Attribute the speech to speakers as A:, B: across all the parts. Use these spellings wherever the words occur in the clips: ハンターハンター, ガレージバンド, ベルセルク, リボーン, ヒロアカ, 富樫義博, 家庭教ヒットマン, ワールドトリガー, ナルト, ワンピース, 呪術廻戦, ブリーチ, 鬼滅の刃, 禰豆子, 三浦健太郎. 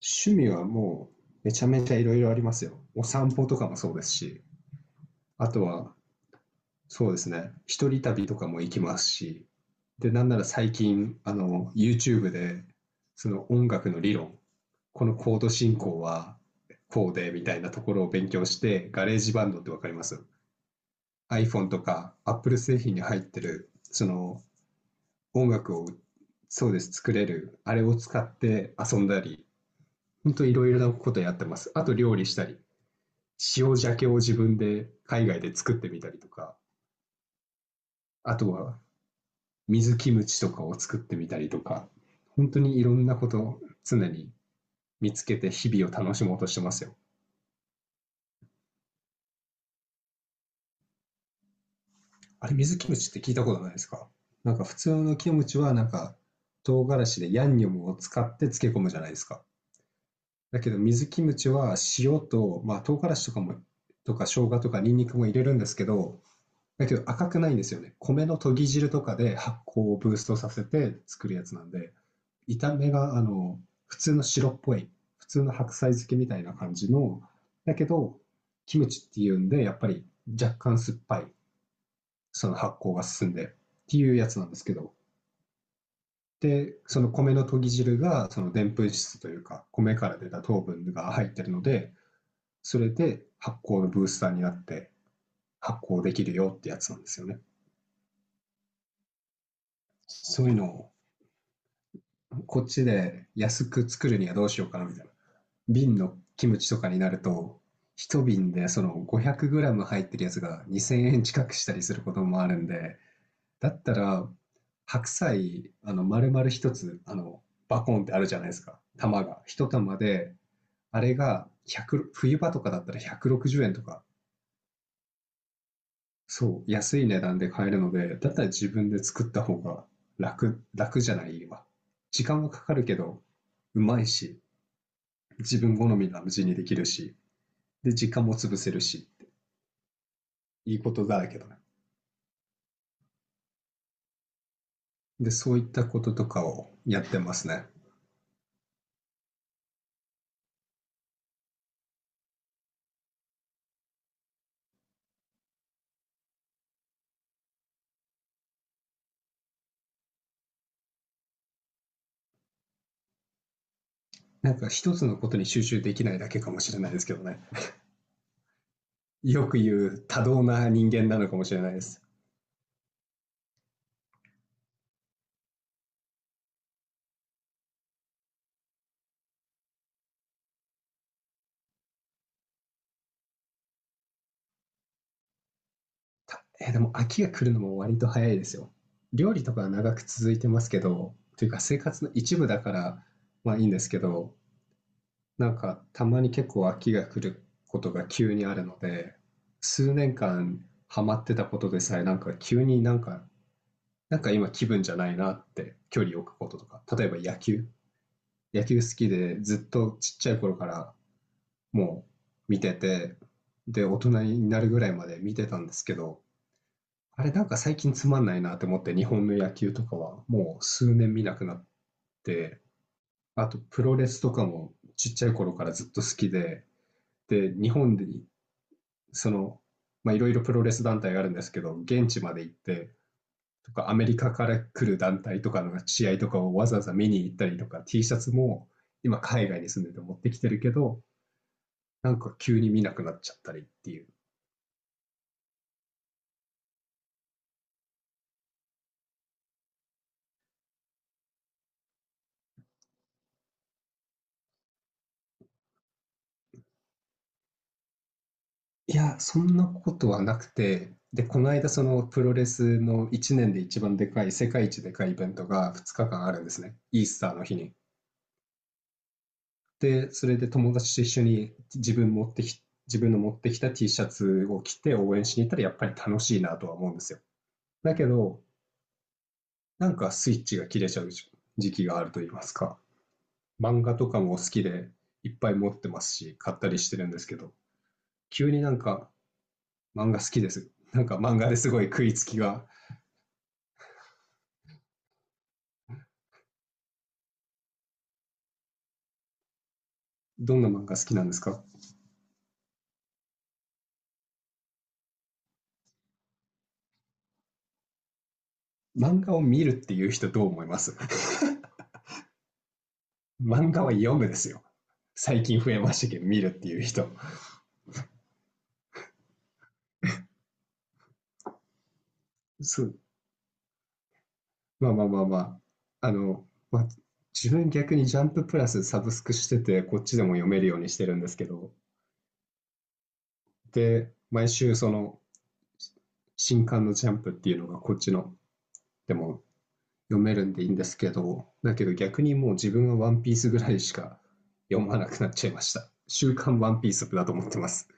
A: 趣味はもうめちゃめちゃいろいろありますよ。お散歩とかもそうですし、あとはそうですね、一人旅とかも行きますし、で、なんなら最近、YouTube で、その音楽の理論、このコード進行はこうで、みたいなところを勉強して、ガレージバンドってわかります？ iPhone とか Apple 製品に入ってる、その音楽を、そうです、作れる、あれを使って遊んだり、本当いろいろなことやってます。あと料理したり。塩鮭を自分で海外で作ってみたりとか、あとは水キムチとかを作ってみたりとか、本当にいろんなことを常に見つけて日々を楽しもうとしてますよ。あれ、水キムチって聞いたことないですか？なんか普通のキムチはなんか唐辛子でヤンニョムを使って漬け込むじゃないですか。だけど水キムチは塩と、まあ、唐辛子とかもとか生姜とかニンニクも入れるんですけど、だけど赤くないんですよね。米の研ぎ汁とかで発酵をブーストさせて作るやつなんで、炒めがあの普通の白っぽい、普通の白菜漬けみたいな感じの、だけど、キムチっていうんで、やっぱり若干酸っぱい、その発酵が進んでっていうやつなんですけど、で、その米の研ぎ汁が、そのでんぷん質というか、米から出た糖分が入ってるので、それで発酵のブースターになって発酵できるよってやつなんですよね。そういうのをこっちで安く作るにはどうしようかなみたいな。瓶のキムチとかになると、一瓶でその 500g 入ってるやつが2000円近くしたりすることもあるんで、だったら、白菜、丸々一つ、バコンってあるじゃないですか。玉が。一玉で、あれが1冬場とかだったら160円とか、そう、安い値段で買えるので、だったら自分で作った方が楽じゃないわ。時間はかかるけど、うまいし、自分好みが無事にできるし、で、時間も潰せるし、いいことだらけだね。で、そういったこととかをやってますね。なんか一つのことに集中できないだけかもしれないですけどね。よく言う多動な人間なのかもしれないです。でも秋が来るのも割と早いですよ。料理とかは長く続いてますけど、というか生活の一部だから、まあいいんですけど、なんか、たまに結構飽きが来ることが急にあるので、数年間ハマってたことでさえ、なんか急になんか、なんか今気分じゃないなって距離を置くこととか、例えば野球。野球好きでずっとちっちゃい頃からもう見てて、で、大人になるぐらいまで見てたんですけど、あれなんか最近つまんないなって思って日本の野球とかはもう数年見なくなって、あとプロレスとかもちっちゃい頃からずっと好きで、で、日本でその、まあ、いろいろプロレス団体があるんですけど、現地まで行って、とか、アメリカから来る団体とかの試合とかをわざわざ見に行ったりとか、T シャツも今海外に住んでて持ってきてるけど、なんか急に見なくなっちゃったりっていう。いや、そんなことはなくて、で、この間そのプロレスの1年で一番でかい、世界一でかいイベントが2日間あるんですね。イースターの日に。で、それで友達と一緒に自分持ってき、自分の持ってきた T シャツを着て応援しに行ったらやっぱり楽しいなとは思うんですよ。だけど、なんかスイッチが切れちゃう時期があると言いますか。漫画とかも好きでいっぱい持ってますし、買ったりしてるんですけど、急になんか漫画好きです。なんか漫画ですごい食いつきが。どんな漫画好きなんですか？漫画を見るっていう人どう思います？ 漫画は読むですよ。最近増えましたけど、見るっていう人。そう、まあまあまあまあ。あの、まあ、自分逆にジャンププラスサブスクしてて、こっちでも読めるようにしてるんですけど、で、毎週その新刊のジャンプっていうのがこっちのでも読めるんでいいんですけど、だけど逆にもう自分はワンピースぐらいしか読まなくなっちゃいました。週刊ワンピースだと思ってます。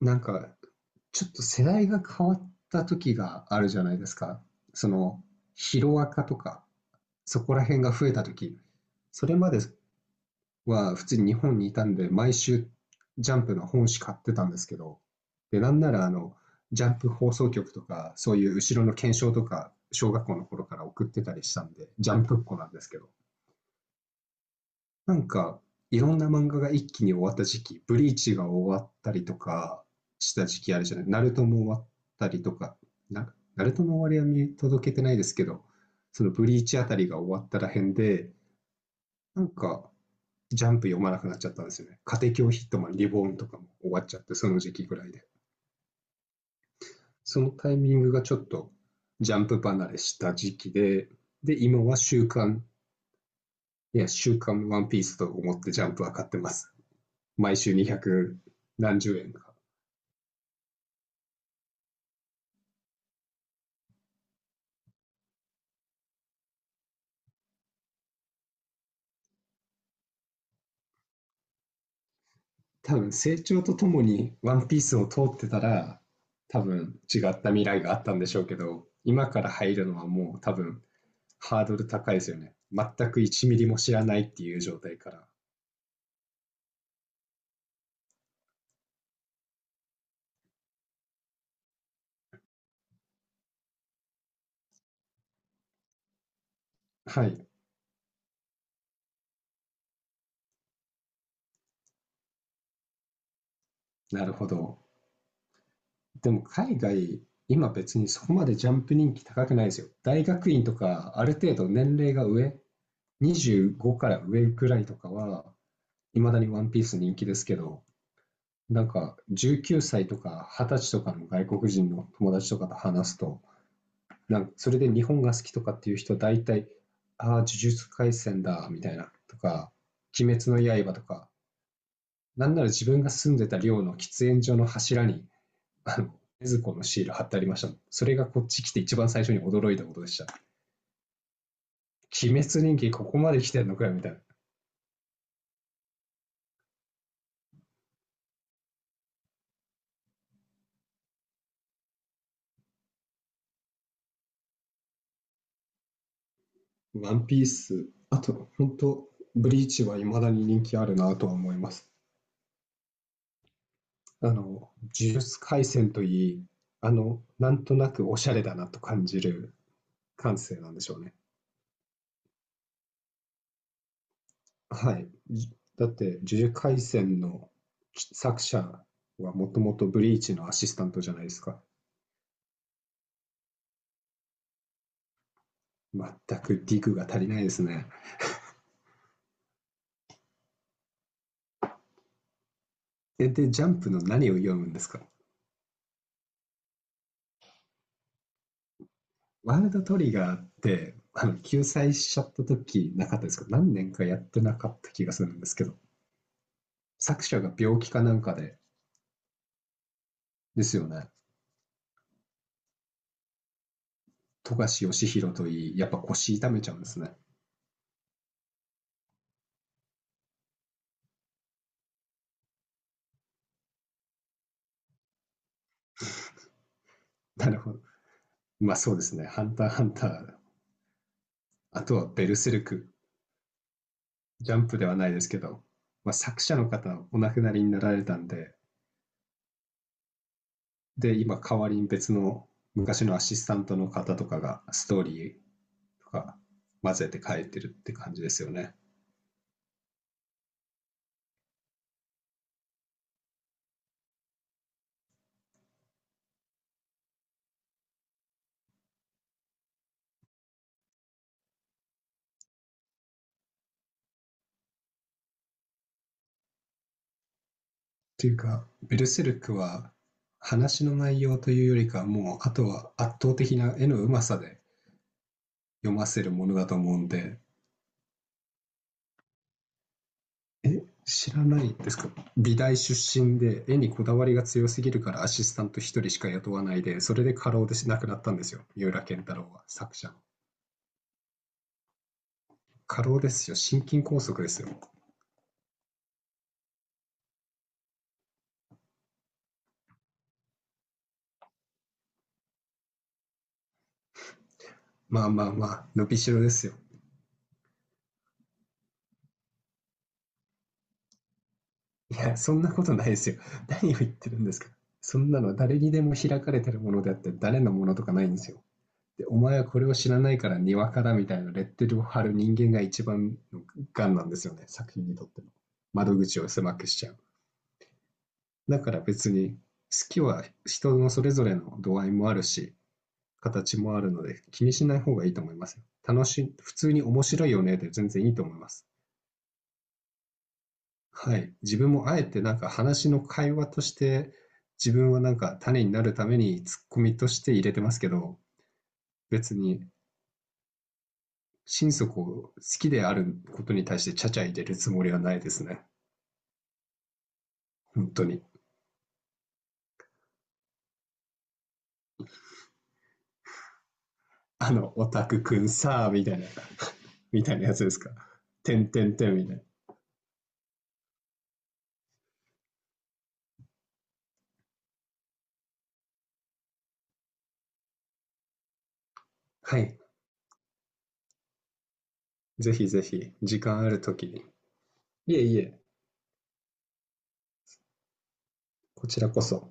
A: なんか、ちょっと世代が変わった時があるじゃないですか。その、ヒロアカとか、そこら辺が増えた時、それまでは普通に日本にいたんで、毎週ジャンプの本誌買ってたんですけど、で、なんならジャンプ放送局とか、そういう後ろの検証とか、小学校の頃から送ってたりしたんで、ジャンプっ子なんですけど、なんか、いろんな漫画が一気に終わった時期、ブリーチが終わったりとかした時期あるじゃない、ナルトも終わったりとか、なナルトの終わりは見届けてないですけど、そのブリーチあたりが終わったらへんで、なんか、ジャンプ読まなくなっちゃったんですよね。家庭教ヒットマン、リボーンとかも終わっちゃって、その時期ぐらいで。そのタイミングがちょっとジャンプ離れした時期で、で、今は週刊ワンピースと思ってジャンプは買ってます。毎週200何十円か。多分成長とともにワンピースを通ってたら、多分違った未来があったんでしょうけど、今から入るのはもう多分ハードル高いですよね。全く1ミリも知らないっていう状態から。はい、なるほど。でも海外、今別にそこまでジャンプ人気高くないですよ。大学院とか、ある程度年齢が上、25から上くらいとかは、いまだにワンピース人気ですけど、なんか19歳とか20歳とかの外国人の友達とかと話すと、なんかそれで日本が好きとかっていう人大体、ああ、呪術廻戦だ、みたいな、とか、鬼滅の刃とか、なんなら自分が住んでた寮の喫煙所の柱に禰豆子のシール貼ってありましたもん。それがこっち来て一番最初に驚いたことでした。鬼滅人気ここまで来てんのかよ、みたいな。ワンピース、あと、本当ブリーチはいまだに人気あるなとは思います。呪術廻戦といい、なんとなくおしゃれだなと感じる感性なんでしょうね。はい。だって、呪術廻戦の作者はもともとブリーチのアシスタントじゃないですか。全くディグが足りないですね。え、で、ジャンプの何を読むんですか？ワールドトリガーって、救済しちゃった時なかったですか？何年かやってなかった気がするんですけど。作者が病気かなんかで、ですよね。富樫義博といい、やっぱ腰痛めちゃうんですね。なるほど。まあそうですね。ハンターハンター。あとはベルセルク。ジャンプではないですけど、まあ、作者の方お亡くなりになられたんで、で、今代わりに別の昔のアシスタントの方とかがストーリーとか混ぜて書いてるって感じですよね。っていうか、ベルセルクは話の内容というよりかはもうあとは圧倒的な絵のうまさで読ませるものだと思うんで、え、知らないですか？美大出身で絵にこだわりが強すぎるからアシスタント一人しか雇わないで、それで過労で亡くなったんですよ。三浦健太郎は作者の。過労ですよ。心筋梗塞ですよ。まあまあまあ、伸びしろですよ。いや、そんなことないですよ。何を言ってるんですか？そんなの誰にでも開かれてるものであって、誰のものとかないんですよ。で、お前はこれを知らないからにわかだみたいなレッテルを貼る人間が一番の癌なんですよね、作品にとっての。窓口を狭くしちゃう。だから別に、好きは人のそれぞれの度合いもあるし、形もあるので、気にしない方がいいと思いますよ。楽しい、普通に面白いよねで全然いいと思います。はい。自分もあえてなんか話の会話として、自分はなんか種になるためにツッコミとして入れてますけど、別に心底好きであることに対してちゃちゃ入れるつもりはないですね。本当に。あの、オタクくんさあ、みたいな、みたいなやつですか。てんてんてんみたいな。はい。ぜひぜひ、時間あるときに。いえいえ、こちらこそ。